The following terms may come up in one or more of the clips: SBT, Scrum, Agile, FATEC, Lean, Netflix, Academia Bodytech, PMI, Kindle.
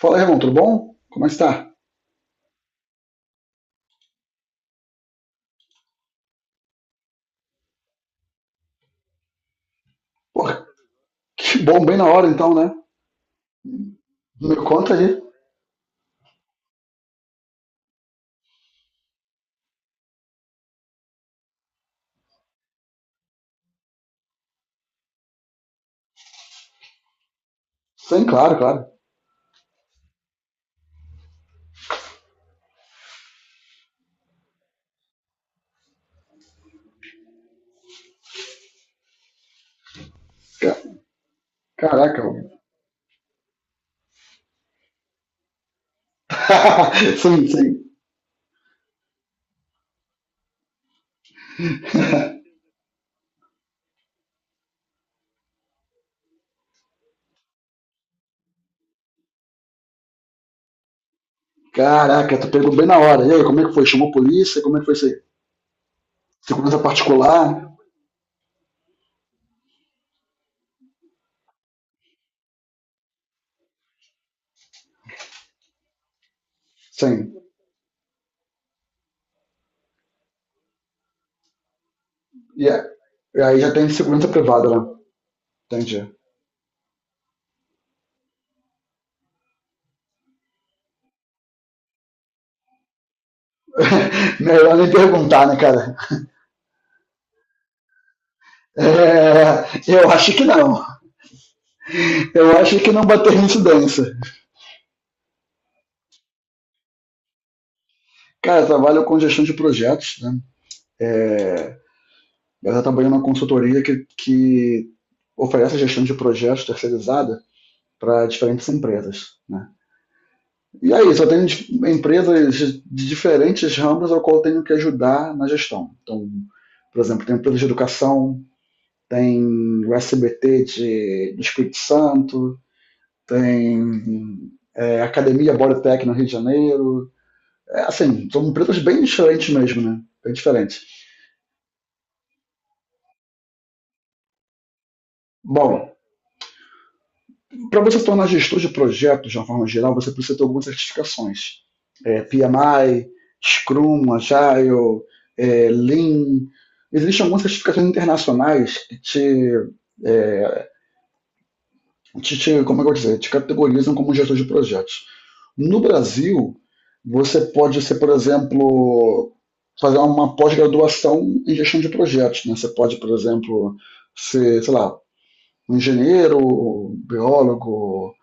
Fala aí, irmão, tudo bom? Como é que está? Porra, que bom, bem na hora então, né? Me conta aí. Sim, claro, claro. Ca- Caraca, mano. Sim, sim. Caraca, tu pegou bem na hora. E aí, como é que foi? Chamou a polícia? Como é que foi isso aí? Segurança particular? Sim. E a- e aí já tem segurança privada, né? Entendi. Melhor nem perguntar, né, cara? É, eu acho que não. Eu acho que não bater incidência. Cara, eu trabalho com gestão de projetos, né? Ela está trabalhando numa consultoria que oferece gestão de projetos terceirizada para diferentes empresas. Né? E aí, só tenho empresas de diferentes ramos ao qual eu tenho que ajudar na gestão. Então, por exemplo, tem empresas de educação, tem o SBT do Espírito Santo, tem Academia Bodytech no Rio de Janeiro. É, assim, são empresas bem diferentes mesmo, né? Bem diferentes. Bom, para você tornar gestor de projetos de uma forma geral, você precisa ter algumas certificações. PMI, Scrum, Agile, Lean. Existem algumas certificações internacionais que te, é, como é que eu vou dizer, te categorizam como gestor de projetos. No Brasil, você pode ser, por exemplo, fazer uma pós-graduação em gestão de projetos. Né? Você pode, por exemplo, ser, sei lá, um engenheiro, um biólogo,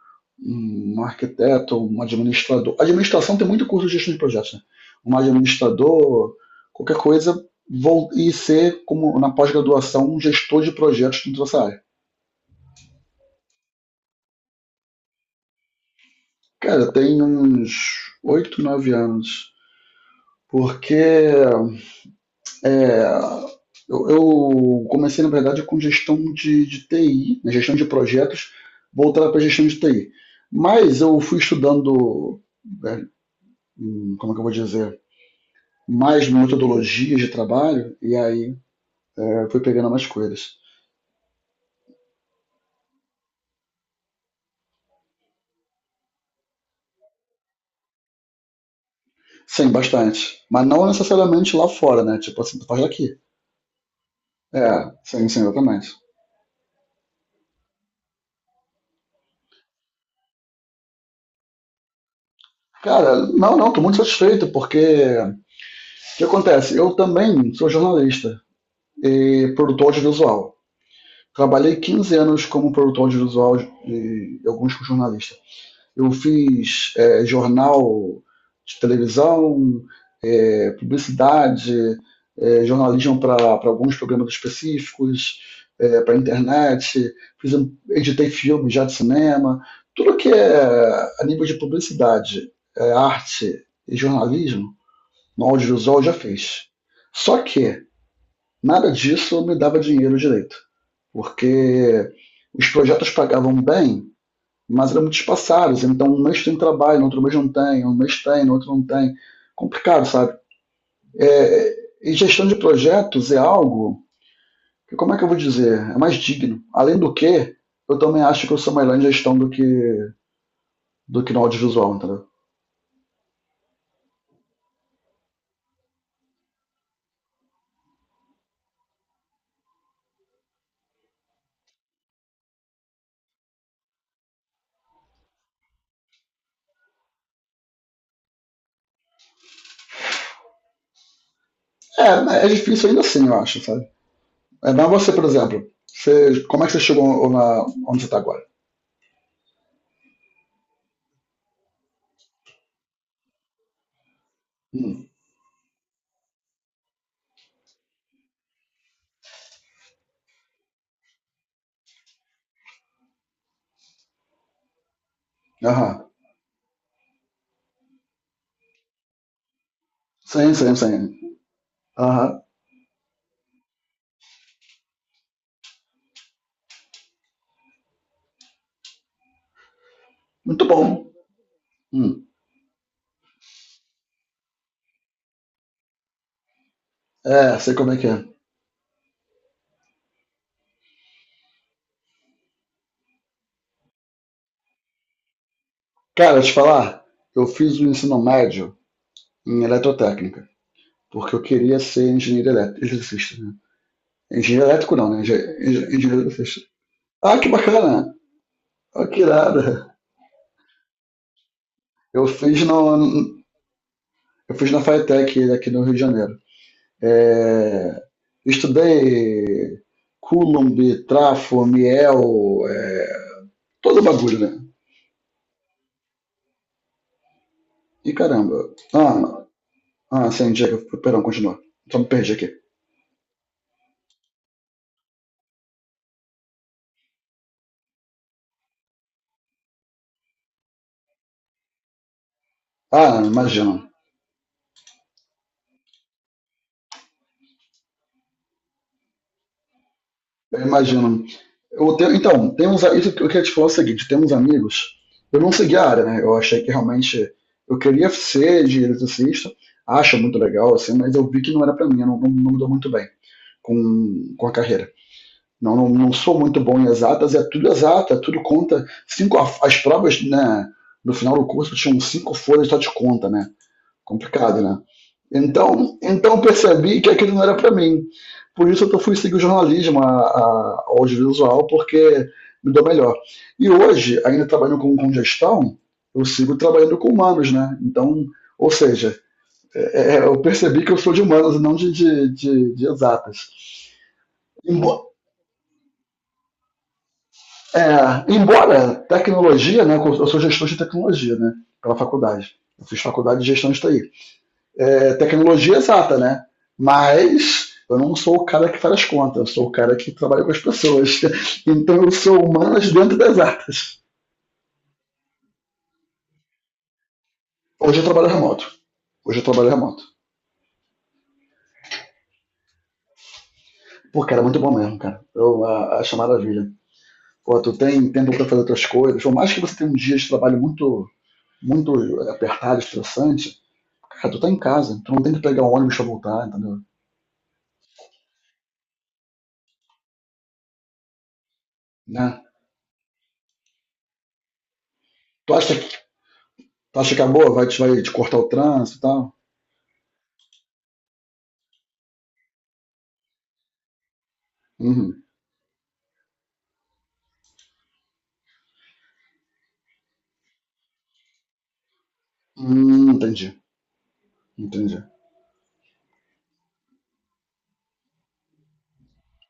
um arquiteto, um administrador. Administração tem muito curso de gestão de projetos, né? Um administrador, qualquer coisa, vou, e ser, como na pós-graduação, um gestor de projetos dentro dessa área. Cara, tem uns 8, 9 anos. Porque eu, eu comecei, na verdade, com gestão de TI, né, gestão de projetos, voltada para gestão de TI. Mas eu fui estudando, é, como é que eu vou dizer, mais metodologias de trabalho e aí fui pegando mais coisas. Sim, bastante. Mas não necessariamente lá fora, né? Tipo assim, tu faz daqui. É, sim, sim, exatamente. Cara, não, não, tô muito satisfeito, porque o que acontece? Eu também sou jornalista e produtor audiovisual. Trabalhei 15 anos como produtor audiovisual e alguns com jornalista. Eu fiz jornal de televisão, publicidade, jornalismo para alguns programas específicos, para a internet, fiz, um, editei filmes já de cinema, tudo que é a nível de publicidade, arte e jornalismo, no audiovisual eu já fiz. Só que nada disso me dava dinheiro direito, porque os projetos pagavam bem, mas eram muito espaçados. Então, um mês tem trabalho, no outro mês não tem, um mês tem, no outro não tem. Complicado, sabe? É, e gestão de projetos é algo que, como é que eu vou dizer? É mais digno. Além do que, eu também acho que eu sou melhor em gestão do que no audiovisual, entendeu? É, né, é difícil ainda assim, eu acho, sabe? É, mas você, por exemplo, você, como é que você chegou na, onde você está agora? Hum. Aham. Sim, sim, sim. Aham. Muito bom. Hum. É, sei como é que é. Cara, eu te falar, eu fiz o ensino médio em eletrotécnica, porque eu queria ser engenheiro elétrico, eletricista, né? Engenheiro elétrico não, né? Engenheiro eletricista. Ah, que bacana! Né? Ah, que irada! Eu fiz, no, eu fiz na FATEC aqui no Rio de Janeiro. É, estudei Coulomb, trafo, miel, todo o bagulho, né? E caramba. Sim, Diego, perdão, continua. Só me perdi aqui. Ah, imagina. Eu imagino. Então, tem uns, isso que eu queria te falar é o seguinte, tem uns amigos, eu não segui a área, né? Eu achei que realmente eu queria ser de eletricista, acho muito legal, assim, mas eu vi que não era pra mim, eu não, não, não me dou muito bem com a carreira. Não sou muito bom em exatas, é tudo exato, é tudo conta. Cinco, as provas, né, no final do curso tinham cinco folhas só de conta, né? Complicado, né? Então percebi que aquilo não era para mim. Por isso eu fui seguir o jornalismo, ao audiovisual, porque me deu melhor. E hoje, ainda trabalhando com gestão, eu sigo trabalhando com humanos, né? Então, ou seja, eu percebi que eu sou de humanos e não de exatas. Embo embora tecnologia, né? Eu sou gestor de tecnologia, né? Pela faculdade. Eu fiz faculdade de gestão de TI. É tecnologia exata, né? Mas eu não sou o cara que faz as contas, eu sou o cara que trabalha com as pessoas. Então eu sou humanas dentro das artes. Hoje eu trabalho remoto. Hoje eu trabalho remoto. Pô, cara, é muito bom mesmo, cara. Acho maravilha. Pô, tu tem tempo para fazer outras coisas. Por mais que você tenha um dia de trabalho muito apertado, estressante, cara, tu tá em casa. Tu não tem que pegar um ônibus pra voltar, entendeu? Né? Tu acha que, tu acha que acabou? Vai te cortar o trânsito e tal? Uhum. Entendi. Entendi.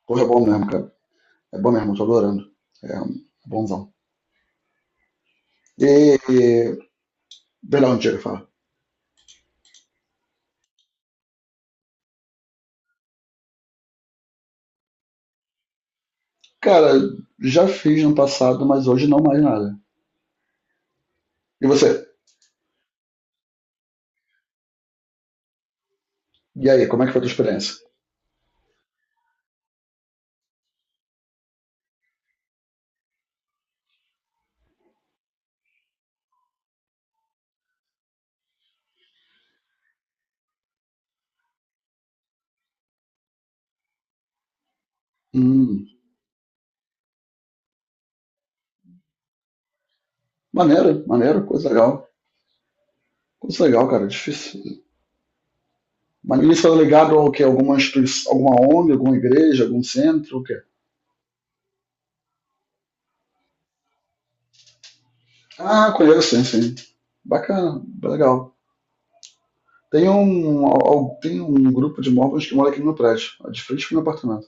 Corre é bom mesmo, cara. É bom mesmo, eu tô adorando. É um, bonzão. E, e verão antigo, fala. Cara, já fiz no passado, mas hoje não mais nada. E você? E aí, como é que foi a tua experiência? Hum, maneiro, maneiro, coisa legal. Coisa legal, cara, difícil. Mas isso é ligado ao quê? Alguma instituição, alguma ONG, alguma igreja, algum centro, o quê? Ah, conheço, sim, sim. Bacana, legal. Tem um grupo de móveis que mora aqui no meu prédio, de frente pro meu apartamento.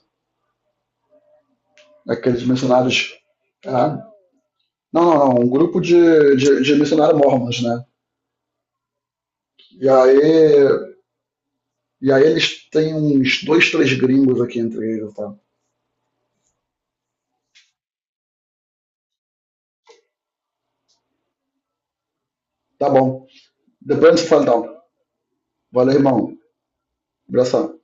Aqueles missionários. Ah, não, não, não, um grupo de missionários mormons, né? E aí, e aí eles têm uns dois, três gringos aqui entre eles, tá? Tá bom. Depois a gente se fala então. Valeu, irmão. Abração.